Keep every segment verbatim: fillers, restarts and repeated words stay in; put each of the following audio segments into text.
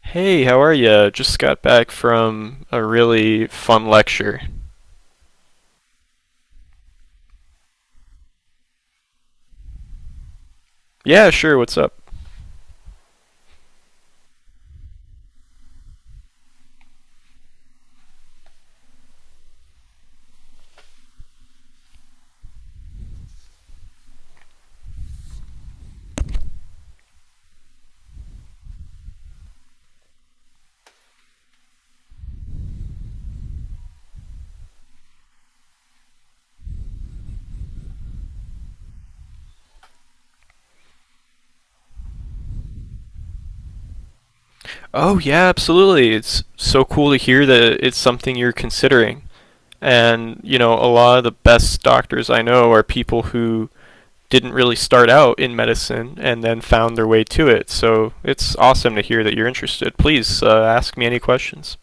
Hey, how are ya? Just got back from a really fun lecture. Yeah, sure, what's up? Oh, yeah, absolutely. It's so cool to hear that it's something you're considering. And, you know, a lot of the best doctors I know are people who didn't really start out in medicine and then found their way to it. So it's awesome to hear that you're interested. Please, uh, ask me any questions.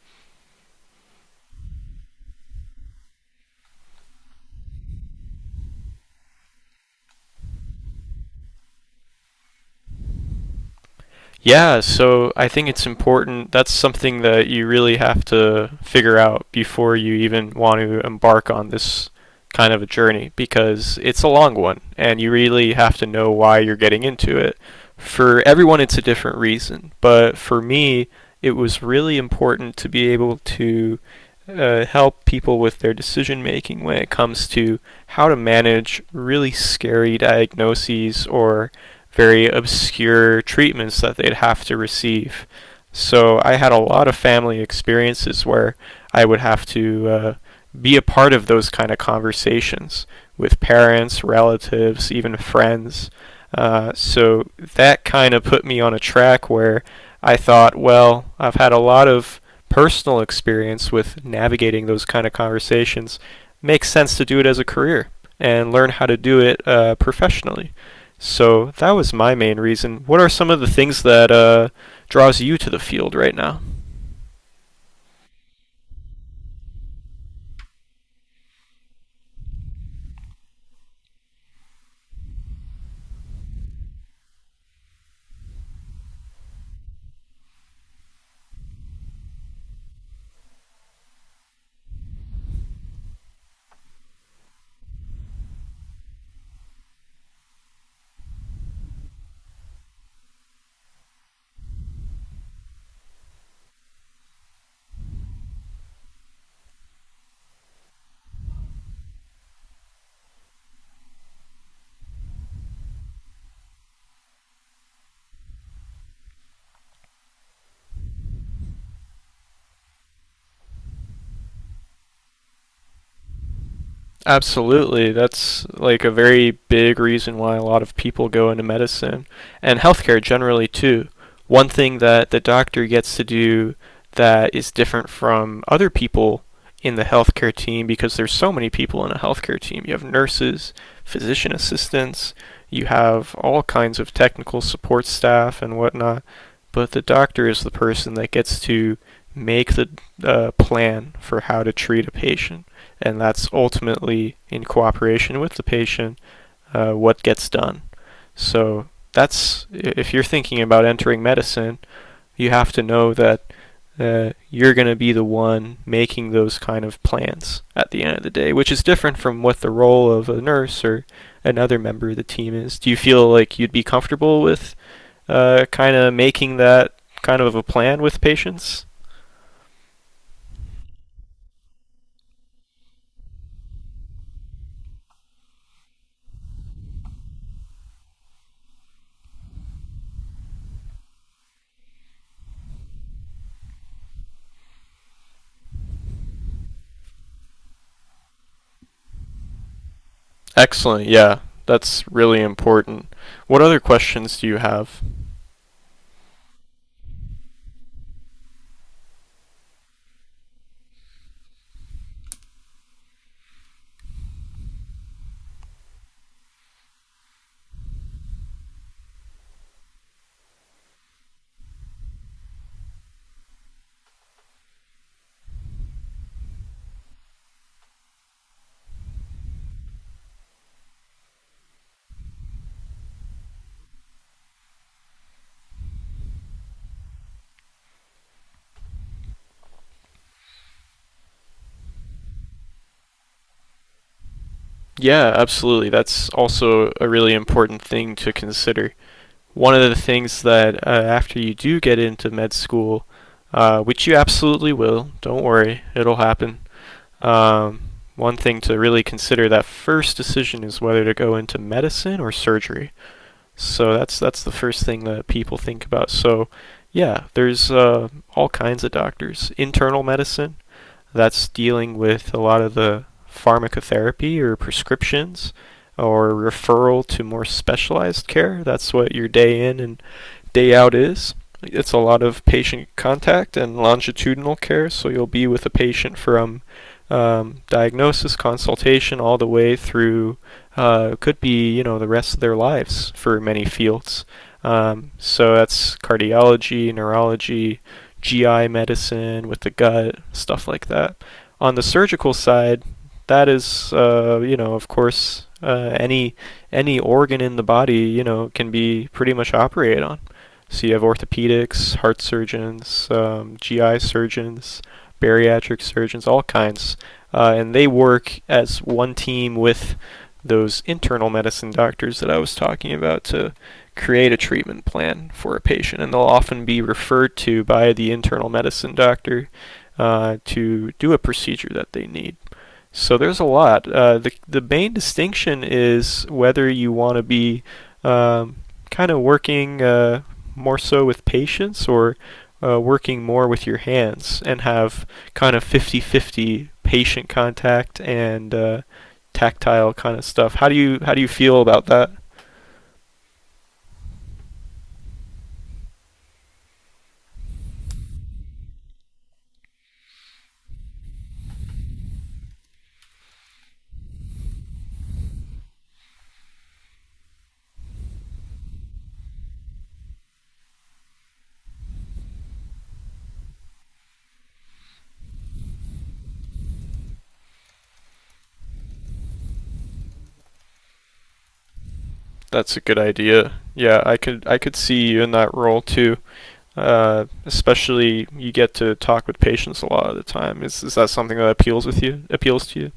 Yeah, so I think it's important. That's something that you really have to figure out before you even want to embark on this kind of a journey because it's a long one and you really have to know why you're getting into it. For everyone, it's a different reason, but for me, it was really important to be able to uh, help people with their decision making when it comes to how to manage really scary diagnoses or very obscure treatments that they'd have to receive. So I had a lot of family experiences where I would have to uh, be a part of those kind of conversations with parents, relatives, even friends. Uh, so that kind of put me on a track where I thought, well, I've had a lot of personal experience with navigating those kind of conversations. Makes sense to do it as a career and learn how to do it uh, professionally. So that was my main reason. What are some of the things that uh, draws you to the field right now? Absolutely. That's like a very big reason why a lot of people go into medicine and healthcare generally too. One thing that the doctor gets to do that is different from other people in the healthcare team because there's so many people in a healthcare team. You have nurses, physician assistants, you have all kinds of technical support staff and whatnot, but the doctor is the person that gets to make the uh, plan for how to treat a patient and that's ultimately in cooperation with the patient uh, what gets done. So that's if you're thinking about entering medicine, you have to know that uh, you're going to be the one making those kind of plans at the end of the day, which is different from what the role of a nurse or another member of the team is. Do you feel like you'd be comfortable with uh, kind of making that kind of a plan with patients? Excellent. Yeah, that's really important. What other questions do you have? Yeah, absolutely. That's also a really important thing to consider. One of the things that uh, after you do get into med school, uh, which you absolutely will, don't worry, it'll happen. Um, one thing to really consider that first decision is whether to go into medicine or surgery. So that's that's the first thing that people think about. So yeah, there's uh, all kinds of doctors. Internal medicine, that's dealing with a lot of the pharmacotherapy or prescriptions or referral to more specialized care. That's what your day in and day out is. It's a lot of patient contact and longitudinal care, so you'll be with a patient from um, diagnosis, consultation, all the way through uh, could be, you know, the rest of their lives for many fields. Um, so that's cardiology, neurology, G I medicine with the gut, stuff like that. On the surgical side, that is uh, you know, of course, uh, any any organ in the body, you know, can be pretty much operated on. So you have orthopedics, heart surgeons, um, G I surgeons, bariatric surgeons, all kinds, uh, and they work as one team with those internal medicine doctors that I was talking about to create a treatment plan for a patient, and they'll often be referred to by the internal medicine doctor uh, to do a procedure that they need. So there's a lot. Uh, the the main distinction is whether you want to be um, kind of working uh, more so with patience or uh, working more with your hands and have kind of fifty fifty patient contact and uh, tactile kind of stuff. How do you how do you feel about that? That's a good idea. Yeah, I could I could see you in that role too. Uh, especially you get to talk with patients a lot of the time. Is is that something that appeals with you? Appeals to you?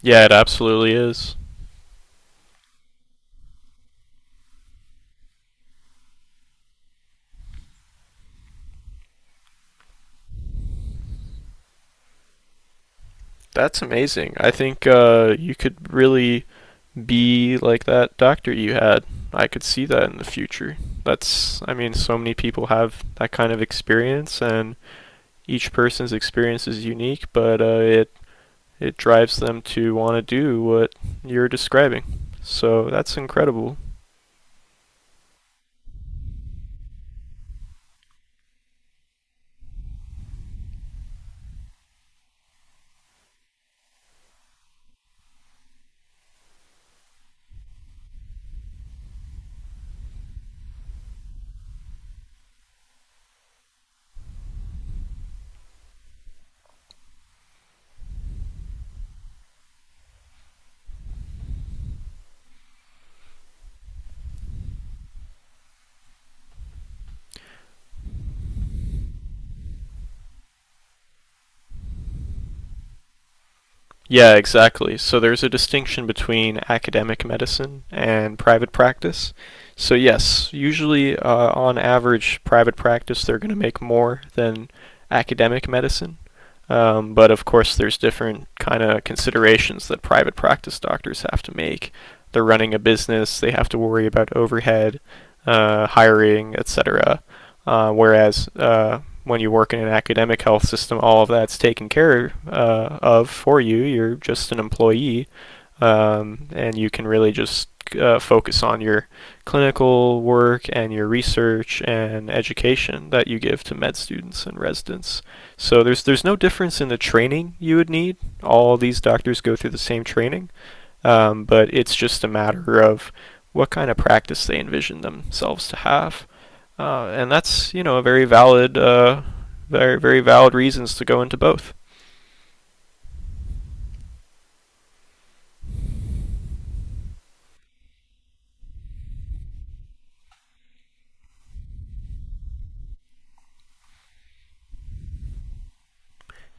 Yeah, it absolutely is. That's amazing. I think uh, you could really be like that doctor you had. I could see that in the future. That's, I mean, so many people have that kind of experience, and each person's experience is unique, but uh, it it drives them to want to do what you're describing. So that's incredible. Yeah, exactly. So there's a distinction between academic medicine and private practice. So, yes, usually uh, on average, private practice they're going to make more than academic medicine. Um, but of course, there's different kind of considerations that private practice doctors have to make. They're running a business, they have to worry about overhead, uh, hiring, et cetera. Uh, whereas uh, when you work in an academic health system, all of that's taken care uh, of for you. You're just an employee, um, and you can really just uh, focus on your clinical work and your research and education that you give to med students and residents. So there's there's no difference in the training you would need. All these doctors go through the same training. Um, but it's just a matter of what kind of practice they envision themselves to have. Uh, and that's, you know, a very valid, uh, very, very valid reasons to go into both.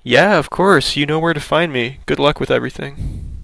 Yeah, of course. You know where to find me. Good luck with everything.